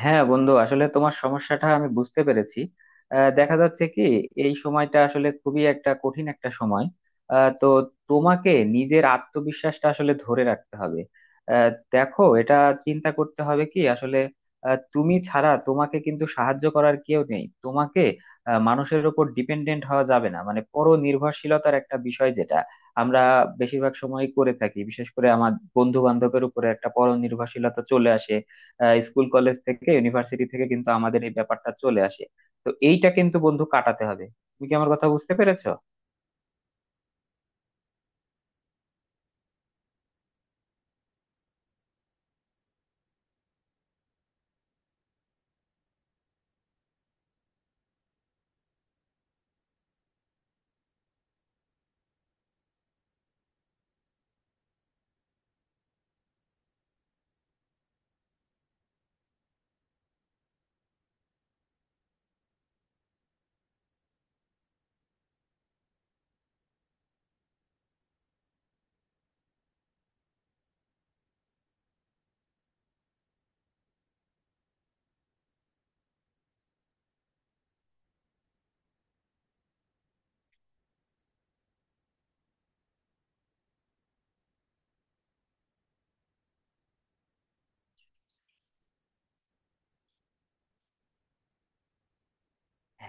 হ্যাঁ বন্ধু আসলে তোমার সমস্যাটা আমি বুঝতে পেরেছি। দেখা যাচ্ছে কি, এই সময়টা আসলে খুবই একটা কঠিন একটা সময়। তো তোমাকে নিজের আত্মবিশ্বাসটা আসলে ধরে রাখতে হবে। দেখো, এটা চিন্তা করতে হবে কি আসলে তুমি ছাড়া তোমাকে কিন্তু সাহায্য করার কেউ নেই। তোমাকে মানুষের উপর ডিপেন্ডেন্ট হওয়া যাবে না। মানে পরনির্ভরশীলতার একটা বিষয় যেটা আমরা বেশিরভাগ সময় করে থাকি, বিশেষ করে আমার বন্ধু বান্ধবের উপরে একটা পরনির্ভরশীলতা চলে আসে। স্কুল কলেজ থেকে ইউনিভার্সিটি থেকে কিন্তু আমাদের এই ব্যাপারটা চলে আসে। তো এইটা কিন্তু বন্ধু কাটাতে হবে। তুমি কি আমার কথা বুঝতে পেরেছো?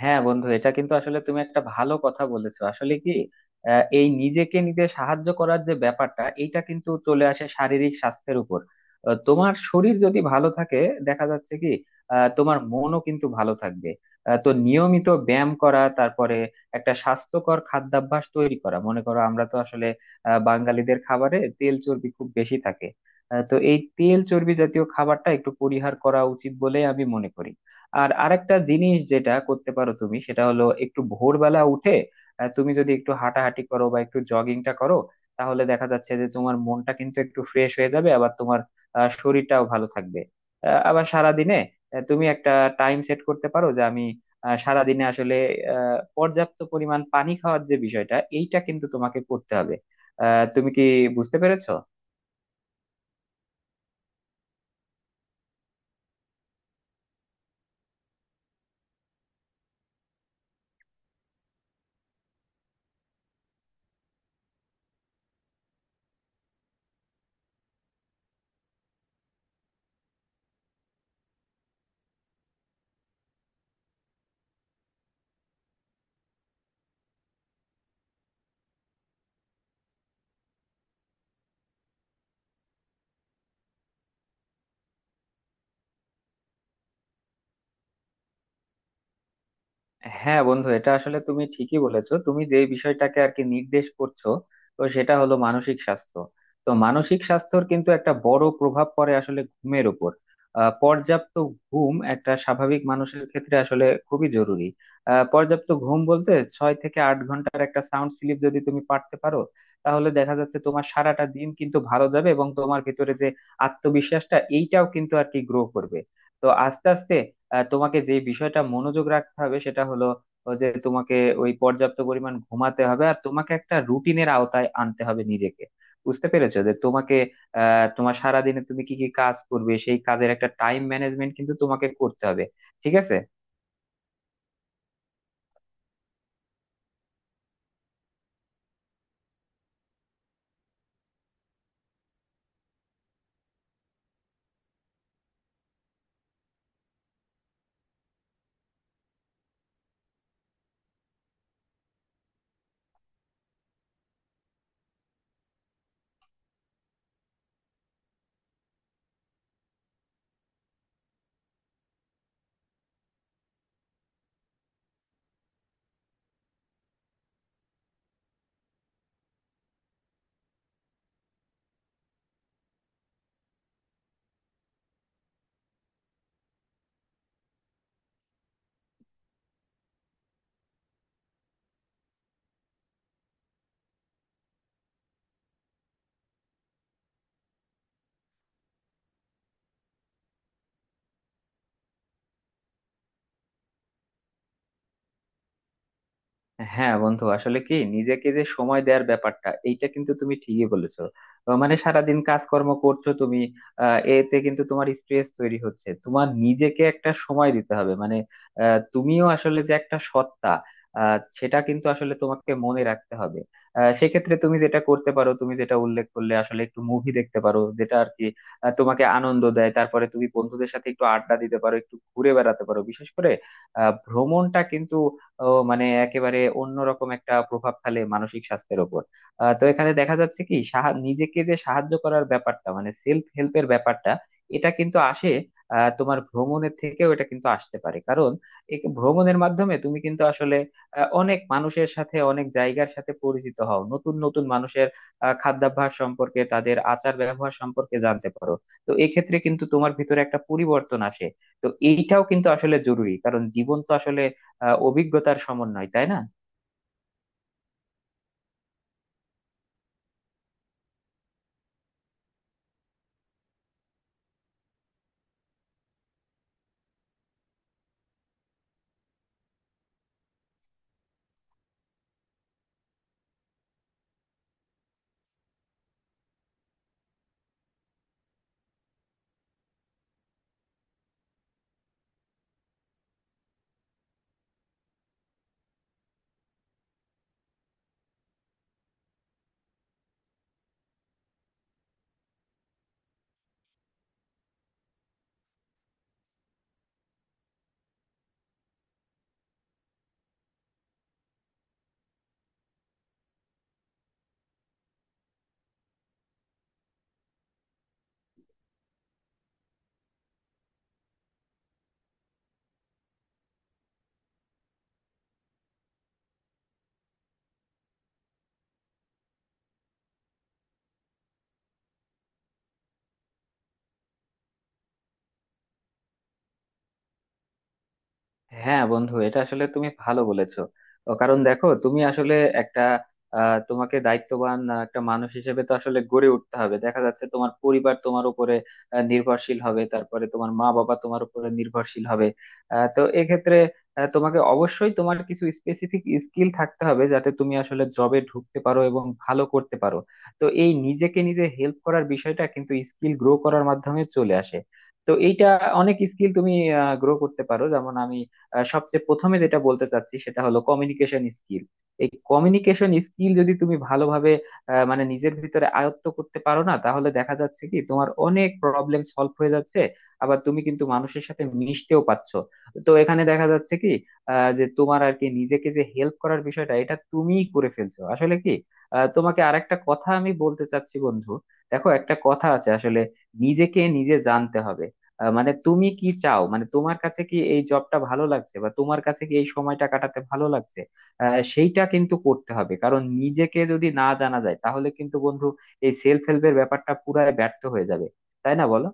হ্যাঁ বন্ধু, এটা কিন্তু আসলে তুমি একটা ভালো কথা বলেছো। আসলে কি, এই নিজেকে নিজে সাহায্য করার যে ব্যাপারটা, এটা কিন্তু চলে আসে শারীরিক স্বাস্থ্যের উপর। তোমার শরীর যদি ভালো থাকে, দেখা যাচ্ছে কি তোমার মনও কিন্তু ভালো থাকবে। তো নিয়মিত ব্যায়াম করা, তারপরে একটা স্বাস্থ্যকর খাদ্যাভ্যাস তৈরি করা। মনে করো আমরা তো আসলে বাঙালিদের খাবারে তেল চর্বি খুব বেশি থাকে। তো এই তেল চর্বি জাতীয় খাবারটা একটু পরিহার করা উচিত বলে আমি মনে করি। আর আরেকটা জিনিস যেটা করতে পারো তুমি, সেটা হলো একটু ভোরবেলা উঠে তুমি যদি একটু হাঁটাহাঁটি করো বা একটু জগিংটা করো, তাহলে দেখা যাচ্ছে যে তোমার মনটা কিন্তু একটু ফ্রেশ হয়ে যাবে। আবার তোমার শরীরটাও ভালো থাকবে। আবার সারাদিনে তুমি একটা টাইম সেট করতে পারো যে আমি সারাদিনে আসলে পর্যাপ্ত পরিমাণ পানি খাওয়ার যে বিষয়টা, এইটা কিন্তু তোমাকে করতে হবে। তুমি কি বুঝতে পেরেছো? হ্যাঁ বন্ধু, এটা আসলে তুমি ঠিকই বলেছো। তুমি যে বিষয়টাকে আর কি নির্দেশ করছো, তো সেটা হলো মানসিক স্বাস্থ্য। তো মানসিক স্বাস্থ্যর কিন্তু একটা বড় প্রভাব পড়ে আসলে ঘুমের উপর। পর্যাপ্ত ঘুম একটা স্বাভাবিক মানুষের ক্ষেত্রে আসলে খুবই জরুরি। পর্যাপ্ত ঘুম বলতে 6 থেকে 8 ঘন্টার একটা সাউন্ড স্লিপ যদি তুমি পারতে পারো, তাহলে দেখা যাচ্ছে তোমার সারাটা দিন কিন্তু ভালো যাবে এবং তোমার ভিতরে যে আত্মবিশ্বাসটা, এইটাও কিন্তু আর কি গ্রো করবে। তো আস্তে আস্তে তোমাকে যে বিষয়টা মনোযোগ রাখতে হবে সেটা হলো ও যে তোমাকে ওই পর্যাপ্ত পরিমাণ ঘুমাতে হবে, আর তোমাকে একটা রুটিনের আওতায় আনতে হবে নিজেকে। বুঝতে পেরেছো? যে তোমাকে তোমার সারাদিনে তুমি কি কি কাজ করবে সেই কাজের একটা টাইম ম্যানেজমেন্ট কিন্তু তোমাকে করতে হবে, ঠিক আছে? হ্যাঁ বন্ধু, আসলে কি নিজেকে যে সময় দেওয়ার ব্যাপারটা, এইটা কিন্তু তুমি ঠিকই বলেছো। মানে সারাদিন কাজকর্ম করছো তুমি, এতে কিন্তু তোমার স্ট্রেস তৈরি হচ্ছে। তোমার নিজেকে একটা সময় দিতে হবে। মানে তুমিও আসলে যে একটা সত্তা, সেটা কিন্তু আসলে তোমাকে মনে রাখতে হবে। সেক্ষেত্রে তুমি যেটা করতে পারো, তুমি যেটা উল্লেখ করলে আসলে, একটু মুভি দেখতে পারো যেটা আর কি তোমাকে আনন্দ দেয়। তারপরে তুমি বন্ধুদের সাথে একটু আড্ডা দিতে পারো, একটু ঘুরে বেড়াতে পারো। বিশেষ করে ভ্রমণটা কিন্তু ও মানে একেবারে অন্যরকম একটা প্রভাব ফেলে মানসিক স্বাস্থ্যের উপর। তো এখানে দেখা যাচ্ছে কি, নিজেকে যে সাহায্য করার ব্যাপারটা, মানে সেলফ হেল্পের ব্যাপারটা, এটা কিন্তু আসে তোমার ভ্রমণের থেকেও। এটা কিন্তু আসতে পারে কারণ এই ভ্রমণের মাধ্যমে তুমি কিন্তু আসলে অনেক মানুষের সাথে, অনেক জায়গার সাথে পরিচিত হও। নতুন নতুন মানুষের খাদ্যাভ্যাস সম্পর্কে, তাদের আচার ব্যবহার সম্পর্কে জানতে পারো। তো এক্ষেত্রে কিন্তু তোমার ভিতরে একটা পরিবর্তন আসে। তো এইটাও কিন্তু আসলে জরুরি, কারণ জীবন তো আসলে অভিজ্ঞতার সমন্বয়, তাই না? হ্যাঁ বন্ধু, এটা আসলে তুমি ভালো বলেছো। ও কারণ দেখো, তুমি আসলে একটা তোমাকে দায়িত্ববান একটা মানুষ হিসেবে তো আসলে গড়ে উঠতে হবে। দেখা যাচ্ছে তোমার পরিবার তোমার উপরে নির্ভরশীল হবে, তারপরে তোমার মা বাবা তোমার উপরে নির্ভরশীল হবে। তো এক্ষেত্রে তোমাকে অবশ্যই তোমার কিছু স্পেসিফিক স্কিল থাকতে হবে, যাতে তুমি আসলে জবে ঢুকতে পারো এবং ভালো করতে পারো। তো এই নিজেকে নিজে হেল্প করার বিষয়টা কিন্তু স্কিল গ্রো করার মাধ্যমে চলে আসে। তো এইটা অনেক স্কিল তুমি গ্রো করতে পারো। যেমন আমি সবচেয়ে প্রথমে যেটা বলতে চাচ্ছি সেটা হলো কমিউনিকেশন স্কিল। এই কমিউনিকেশন স্কিল যদি তুমি ভালোভাবে মানে নিজের ভিতরে আয়ত্ত করতে পারো না, তাহলে দেখা যাচ্ছে কি তোমার অনেক প্রবলেম সলভ হয়ে যাচ্ছে। আবার তুমি কিন্তু মানুষের সাথে মিশতেও পারছো। তো এখানে দেখা যাচ্ছে কি যে তোমার আর কি নিজেকে যে হেল্প করার বিষয়টা, এটা তুমিই করে ফেলছো। আসলে কি তোমাকে আরেকটা কথা আমি বলতে চাচ্ছি বন্ধু, দেখো একটা কথা আছে আসলে, নিজেকে নিজে জানতে হবে। মানে তুমি কি চাও, মানে তোমার কাছে কি এই জবটা ভালো লাগছে, বা তোমার কাছে কি এই সময়টা কাটাতে ভালো লাগছে, সেইটা কিন্তু করতে হবে। কারণ নিজেকে যদি না জানা যায়, তাহলে কিন্তু বন্ধু এই সেলফ হেল্পের ব্যাপারটা পুরাই ব্যর্থ হয়ে যাবে। তাই না, বলো?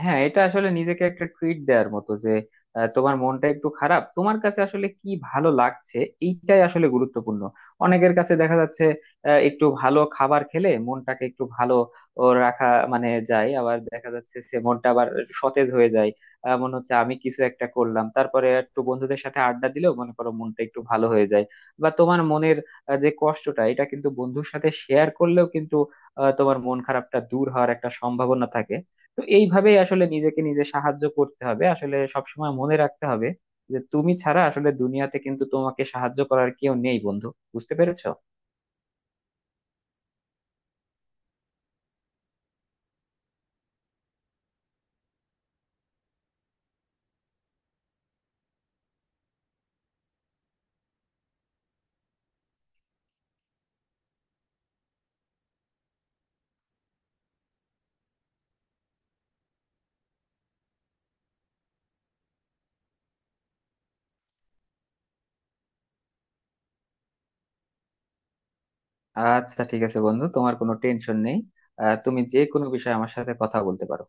হ্যাঁ, এটা আসলে নিজেকে একটা ট্রিট দেওয়ার মতো। যে তোমার মনটা একটু খারাপ, তোমার কাছে আসলে কি ভালো লাগছে, এইটাই আসলে গুরুত্বপূর্ণ। অনেকের কাছে দেখা যাচ্ছে একটু ভালো খাবার খেলে মনটাকে একটু ভালো ও রাখা মানে যায়। আবার দেখা যাচ্ছে সে মনটা আবার একটু সতেজ হয়ে যায়। মনে হচ্ছে আমি কিছু একটা করলাম। তারপরে একটু বন্ধুদের সাথে আড্ডা দিলেও, মনে করো, মনটা একটু ভালো হয়ে যায়। বা তোমার মনের যে কষ্টটা, এটা কিন্তু বন্ধুর সাথে শেয়ার করলেও কিন্তু তোমার মন খারাপটা দূর হওয়ার একটা সম্ভাবনা থাকে। তো এইভাবেই আসলে নিজেকে নিজে সাহায্য করতে হবে। আসলে সবসময় মনে রাখতে হবে যে তুমি ছাড়া আসলে দুনিয়াতে কিন্তু তোমাকে সাহায্য করার কেউ নেই বন্ধু। বুঝতে পেরেছো? আচ্ছা, ঠিক আছে বন্ধু, তোমার কোনো টেনশন নেই। তুমি যে কোনো বিষয়ে আমার সাথে কথা বলতে পারো।